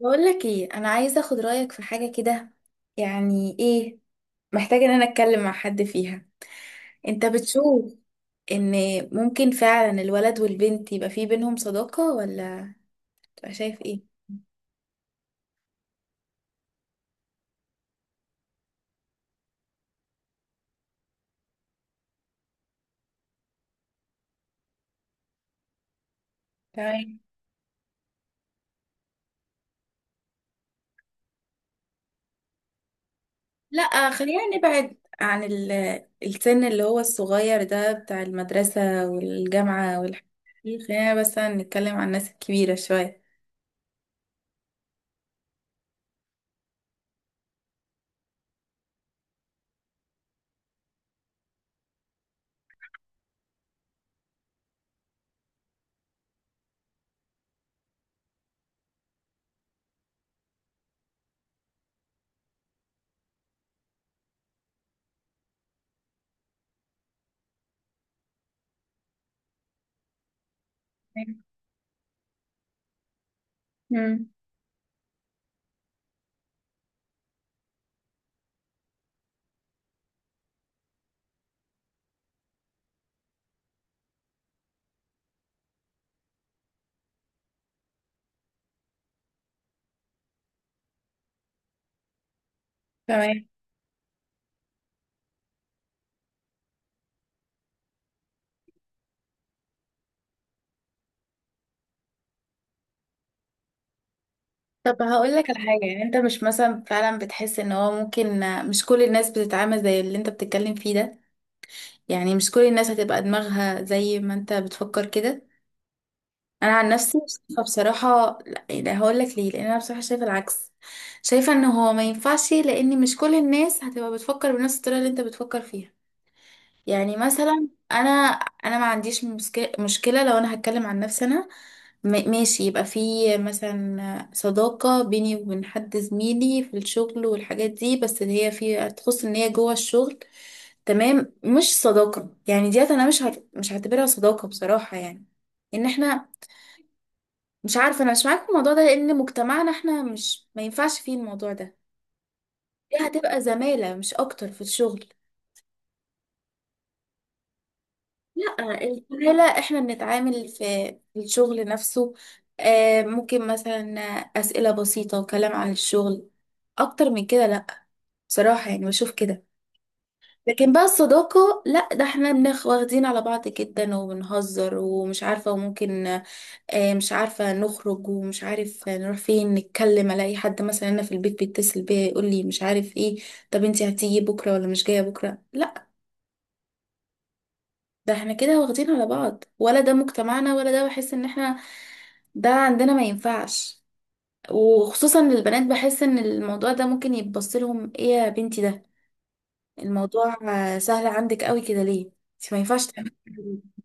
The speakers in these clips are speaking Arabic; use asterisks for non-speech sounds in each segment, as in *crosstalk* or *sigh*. بقول لك ايه، انا عايزه اخد رايك في حاجه كده. يعني ايه، محتاجه ان انا اتكلم مع حد فيها. انت بتشوف ان ممكن فعلا الولد والبنت يبقى في بينهم صداقه ولا تبقى شايف ايه؟ تمام. لا خلينا نبعد عن السن اللي هو الصغير ده بتاع المدرسه والجامعه والحاجات دي، خلينا بس نتكلم عن الناس الكبيره شويه. تمام. مم. تمام. طب هقول لك على حاجة، يعني انت مش مثلا فعلا بتحس ان هو ممكن مش كل الناس بتتعامل زي اللي انت بتتكلم فيه ده؟ يعني مش كل الناس هتبقى دماغها زي ما انت بتفكر كده. انا عن نفسي شايفة بصراحة لا، يعني هقول لك ليه، لان انا بصراحة شايفة العكس. شايفة ان هو ما ينفعش لان مش كل الناس هتبقى بتفكر بنفس الطريقة اللي انت بتفكر فيها. يعني مثلا انا ما عنديش مشكله لو انا هتكلم عن نفسي. انا ماشي، يبقى في مثلا صداقه بيني وبين حد زميلي في الشغل والحاجات دي، بس اللي هي في تخص ان هي جوه الشغل. تمام، مش صداقه يعني ديت، انا مش هعتبرها صداقه بصراحه يعني. ان احنا مش عارفه، انا مش معاك في الموضوع ده، لان مجتمعنا احنا مش ما ينفعش فيه الموضوع ده. دي هتبقى زماله مش اكتر في الشغل. لا الزمالة احنا بنتعامل في الشغل نفسه. ممكن مثلا أسئلة بسيطة وكلام عن الشغل، أكتر من كده لا، بصراحة يعني بشوف كده. لكن بقى الصداقة لا، ده احنا واخدين على بعض جدا وبنهزر ومش عارفة وممكن مش عارفة نخرج ومش عارف نروح فين، نتكلم ألاقي حد مثلا أنا في البيت بيتصل بيا يقول لي مش عارف ايه، طب انتي هتيجي بكرة ولا مش جاية بكرة؟ لا ده احنا كده واخدين على بعض، ولا ده مجتمعنا، ولا ده بحس ان احنا ده عندنا ما ينفعش. وخصوصا للبنات، بحس ان الموضوع ده ممكن يتبص لهم ايه يا بنتي، ده الموضوع سهل عندك قوي كده ليه، انت ما ينفعش تعملي كده ليه؟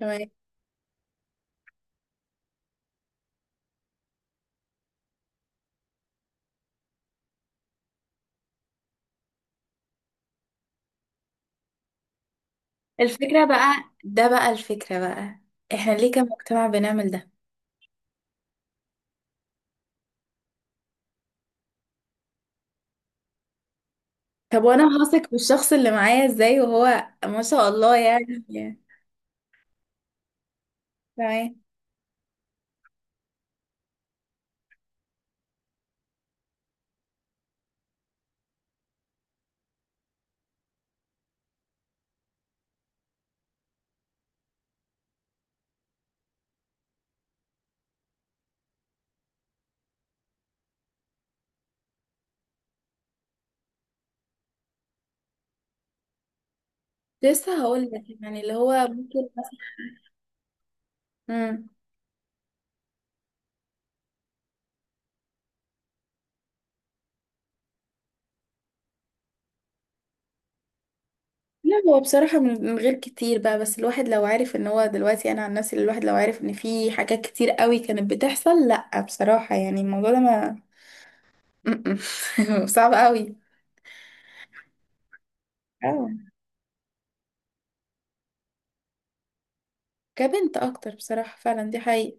تمام. الفكرة بقى احنا ليه كمجتمع بنعمل ده؟ طب وانا هثق بالشخص اللي معايا ازاي وهو ما شاء الله يعني. تمام. لسه هقول لك يعني اللي هو ممكن. مم. لا هو بصراحة من غير كتير بقى، بس الواحد لو عارف ان هو دلوقتي، انا عن نفسي الواحد لو عارف ان في حاجات كتير قوي كانت بتحصل لا بصراحة، يعني الموضوع ده ما... *laughs* صعب قوي. اه كبنت اكتر بصراحة، فعلا دي حقيقة.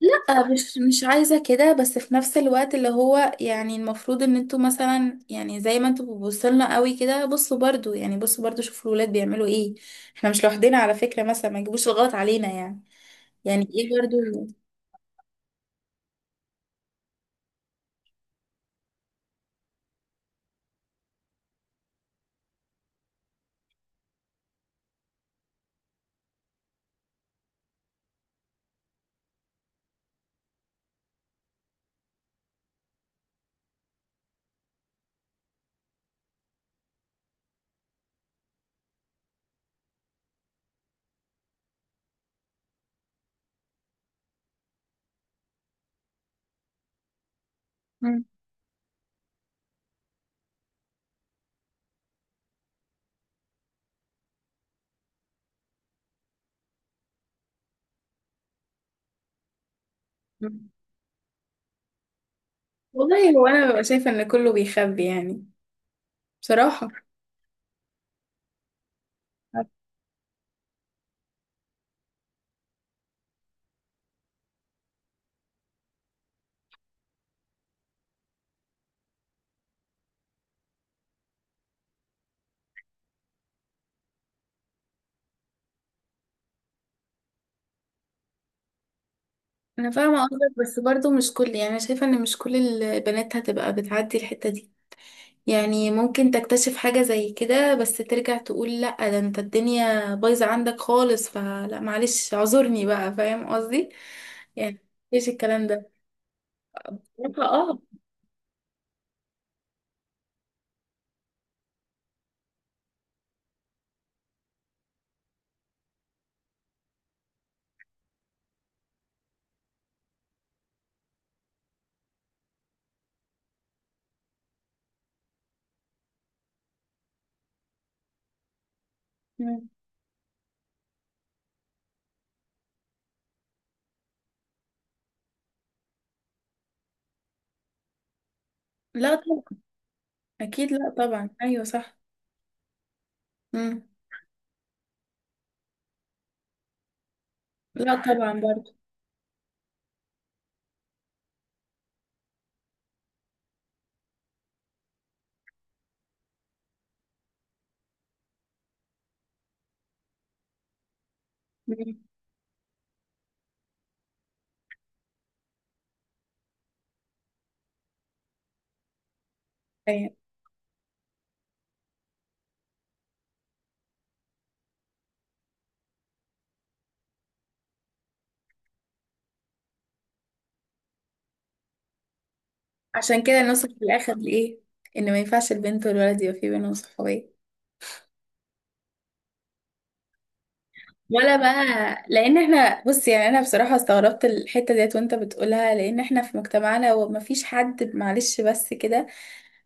لا مش عايزة كده، بس في نفس الوقت اللي هو يعني المفروض ان انتوا مثلا، يعني زي ما انتوا بتبصلنا قوي كده، بصوا برضو، شوفوا الولاد بيعملوا ايه. احنا مش لوحدنا على فكرة، مثلا ما يجيبوش الغلط علينا يعني. يعني ايه برضو. مم. والله هو انا ببقى شايفه ان كله بيخبي يعني، بصراحه. انا فاهمه قصدك، بس برضو مش كل يعني، أنا شايفه ان مش كل البنات هتبقى بتعدي الحته دي. يعني ممكن تكتشف حاجه زي كده بس ترجع تقول لا ده انت الدنيا بايظه عندك خالص فلا معلش، اعذرني بقى، فاهم قصدي يعني؟ ايش الكلام ده؟ لا، اه. مم. لا طبعا. اكيد لا طبعا، ايوه صح. مم. لا طبعا برضو. مم. أيوة. عشان كده نوصل في الاخر لايه، ان ما ينفعش البنت والولد يبقى في بينهم صحوبيه ولا بقى؟ لان احنا بص يعني، انا بصراحه استغربت الحته ديت وانت بتقولها، لان احنا في مجتمعنا وما فيش حد، معلش بس كده،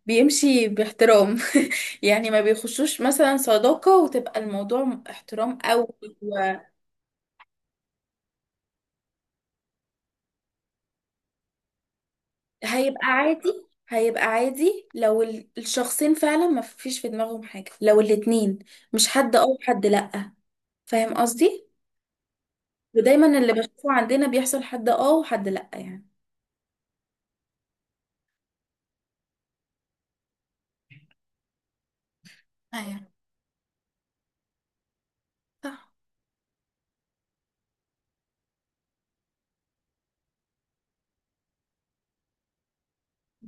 بيمشي باحترام. *laughs* يعني ما بيخشوش مثلا صداقه وتبقى الموضوع احترام قوي. وهيبقى عادي هيبقى عادي لو الشخصين فعلا ما فيش في دماغهم حاجه، لو الاتنين مش حد اه وحد لأ، فاهم قصدي؟ ودايما اللي بشوفه عندنا بيحصل حد اه وحد لأ يعني. ايوه صح.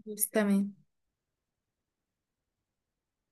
بس تمام.